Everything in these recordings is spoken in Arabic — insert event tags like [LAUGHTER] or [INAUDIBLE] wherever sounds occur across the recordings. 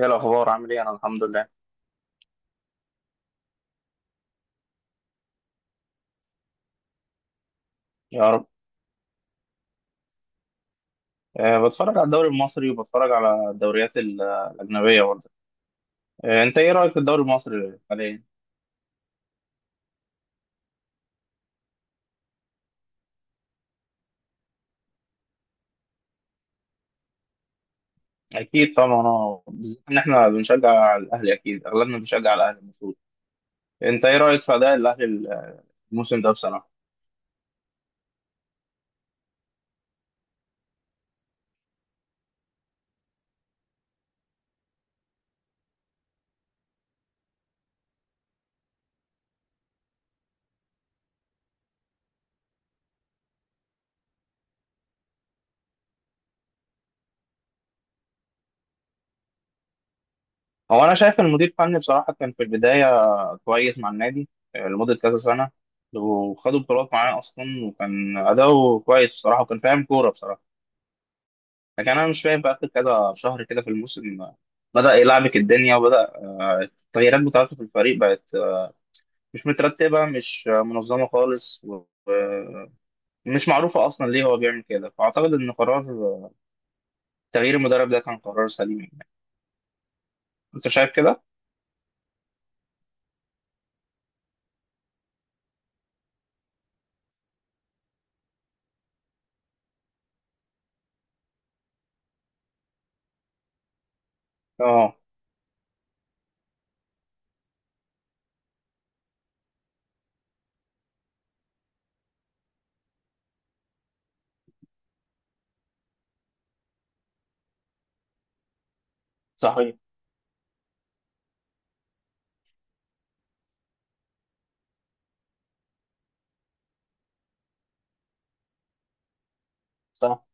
ايه الاخبار؟ عامل ايه؟ انا الحمد لله. يا رب. بتفرج على الدوري المصري، وبتفرج على الدوريات الاجنبيه برضه. انت ايه رايك في الدوري المصري حاليا؟ اكيد طبعا، اه، بالذات ان احنا بنشجع الاهلي. اكيد اغلبنا بنشجع الاهلي المفروض. انت ايه رايك في اداء الاهلي الموسم ده بصراحه؟ هو انا شايف إن المدير الفني بصراحه كان في البدايه كويس مع النادي، لمده كذا سنه، وخدوا بطولات معاه اصلا، وكان اداؤه كويس بصراحه، وكان فاهم كوره بصراحه. لكن انا مش فاهم بقى في كذا شهر كده في الموسم، بدأ يلعبك الدنيا، وبدأ آه، التغييرات بتاعته في الفريق بقت مش مترتبة، مش منظمة خالص، ومش معروفة أصلا ليه هو بيعمل كده. فأعتقد إن قرار آه، تغيير المدرب ده كان قرار سليم يعني. أنت شايف كده؟ اه، صحيح. صح.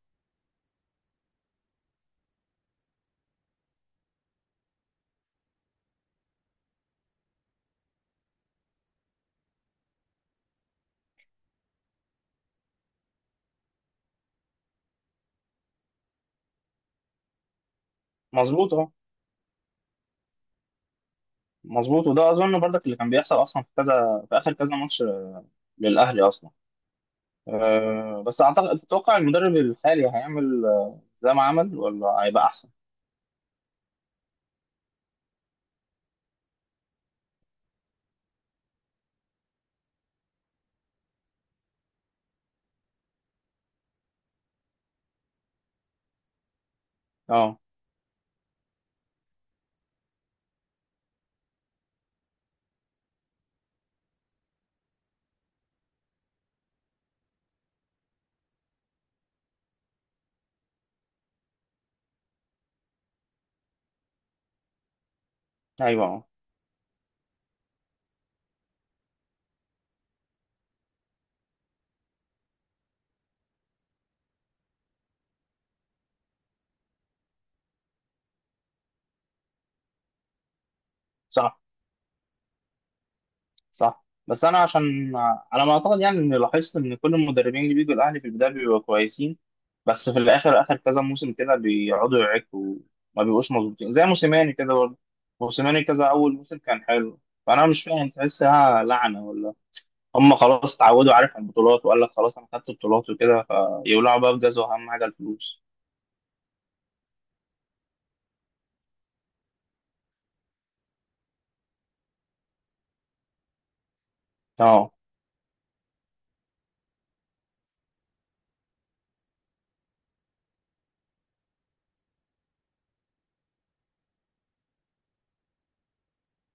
مظبوط، اه، مظبوط. وده أظن برضك اللي كان بيحصل أصلا في كذا، في آخر كذا ماتش للأهلي أصلا. أه، بس أعتقد، تتوقع المدرب الحالي هيعمل زي ما عمل، ولا هيبقى أحسن؟ اه. ايوه. صح. صح. بس انا عشان، على ما اعتقد، يعني اني لاحظت ان كل المدربين اللي بيجوا الاهلي في البدايه بيبقوا كويسين، بس في الاخر، اخر كذا موسم كده، بيقعدوا يعكوا وما بيبقوش مظبوطين. زي موسيماني كده برضه، موسيماني كذا اول موسم كان حلو. فانا مش فاهم، تحسها لعنه ولا هم خلاص اتعودوا، عارف، على البطولات، وقال لك خلاص انا خدت البطولات وكده، فيولعوا بقى بجاز، واهم حاجه الفلوس. اه.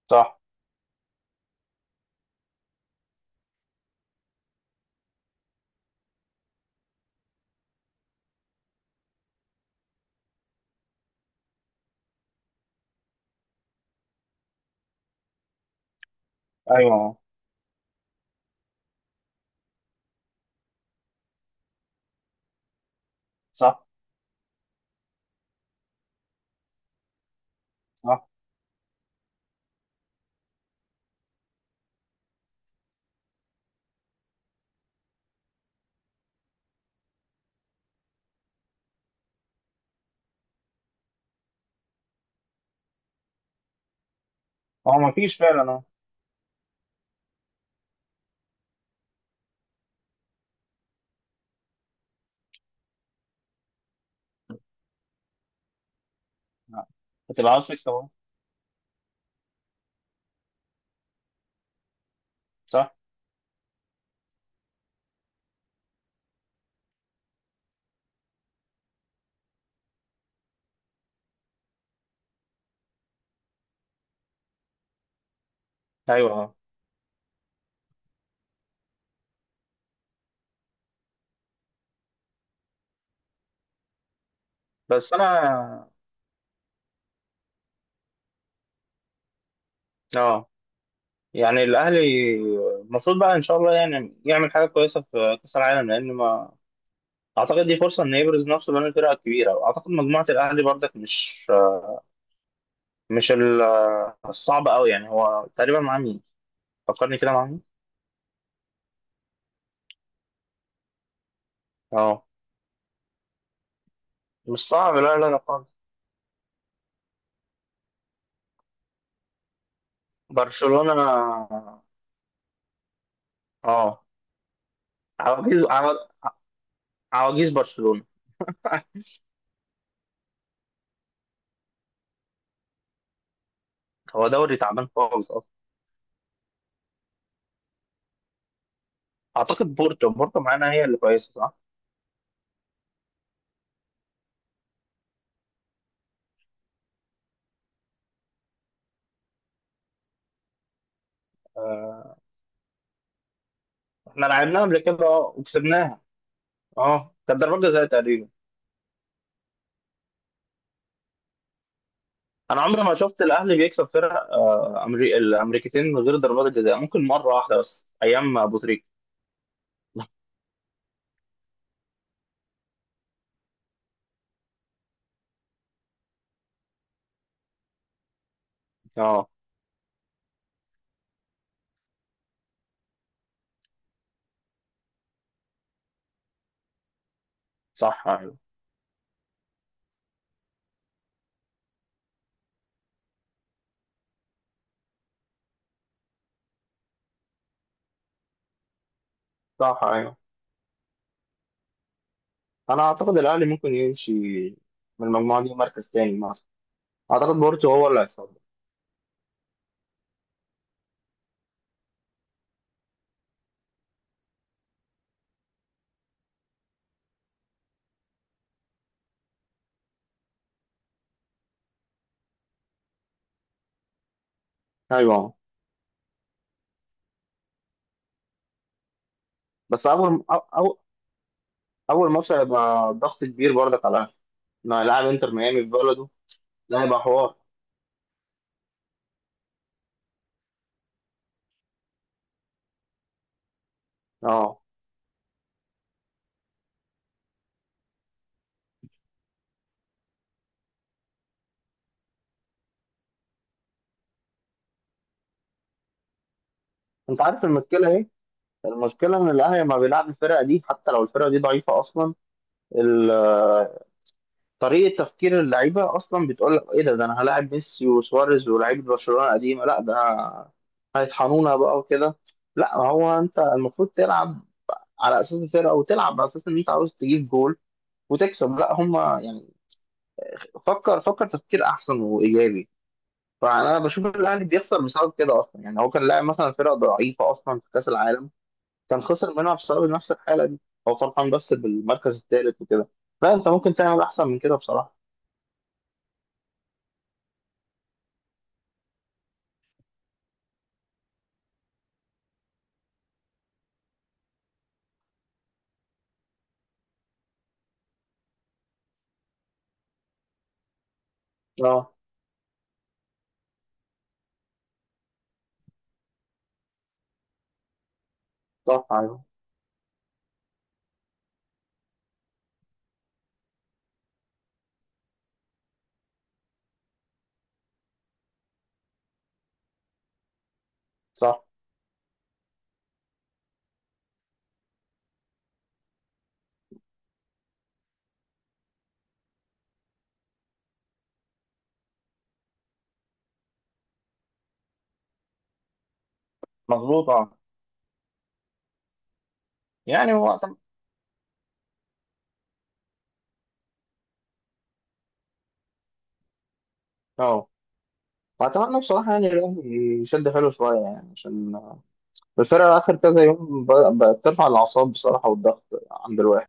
صح. ايوه. صح. صح. هو ما فيش فعلا، اه. هتبقى عاوز تكسب أهو. صح. ايوه. بس انا، اه، يعني الاهلي المفروض بقى ان شاء الله يعني يعمل حاجه كويسه في كاس العالم، لان ما اعتقد دي فرصه ان يبرز نفسه بين الفرق الكبيره. واعتقد مجموعه الاهلي برضك مش، مش ال- الصعبه قوي. يعني هو تقريبا مع مين؟ فكرني كده، مع مين؟ اه. مش صعب، لا لا لا خالص. برشلونه. اه. عواجيز عوا- عواجيز برشلونه. [LAUGHS] هو دوري تعبان خالص اصلا. اعتقد بورتو، بورتو معانا، هي اللي كويسه، صح؟ احنا لعبناها قبل كده وكسبناها. اه، كانت ضربات جزاء تقريبا. انا عمري ما شفت الاهلي بيكسب فرق الامريكتين من غير ضربات الجزاء، ممكن مره واحده بس ايام ابو تريكه. [LAUGHS] اه. صح. ايوه. صح. ايوه، انا اعتقد الاهلي ممكن يمشي من المجموعه دي مركز تاني مثلا. اعتقد بورتو هو اللي هيصعد. ايوه. بس اول أو... أو... اول ماتش هيبقى ضغط كبير برضك على الاهلي، انه هيلاعب انتر ميامي في بلده. ده هيبقى حوار. اه. انت عارف المشكله ايه؟ المشكله ان الاهلي لما بيلعب الفرقه دي، حتى لو الفرقه دي ضعيفه اصلا، ال- طريقه تفكير اللعيبه اصلا بتقول لك ايه، ده انا هلاعب ميسي وسواريز ولاعيبه برشلونه قديمه، لا ده هيطحنونا بقى وكده. لا، هو انت المفروض تلعب على اساس الفرقه، وتلعب على اساس ان انت عاوز تجيب جول وتكسب. لا هم يعني، فكر تفكير احسن وايجابي. فانا بشوف الاهلي بيخسر بسبب كده اصلا. يعني هو كان لاعب مثلا فرقه ضعيفه اصلا في كاس العالم، كان خسر منها بسبب نفس الحاله دي. هو فرحان بس بالمركز الثالث وكده. لا، انت ممكن تعمل احسن من كده بصراحه. اه. صح. ايوه. صح. مظبوط، اه. يعني هو أتم- اه، واتمنى بصراحه يعني الاهلي يشد حلو شويه، يعني عشان الفرقه اخر كذا يوم بقت ترفع الاعصاب بصراحه، والضغط عند الواحد.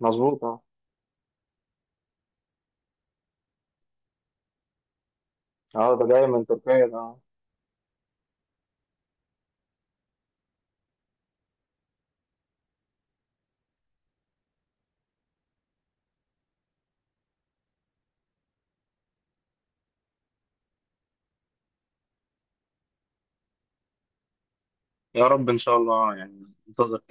مظبوط، اه. اه، ده جاي من تركيا ده. يا رب ان شاء الله. يعني انتظر.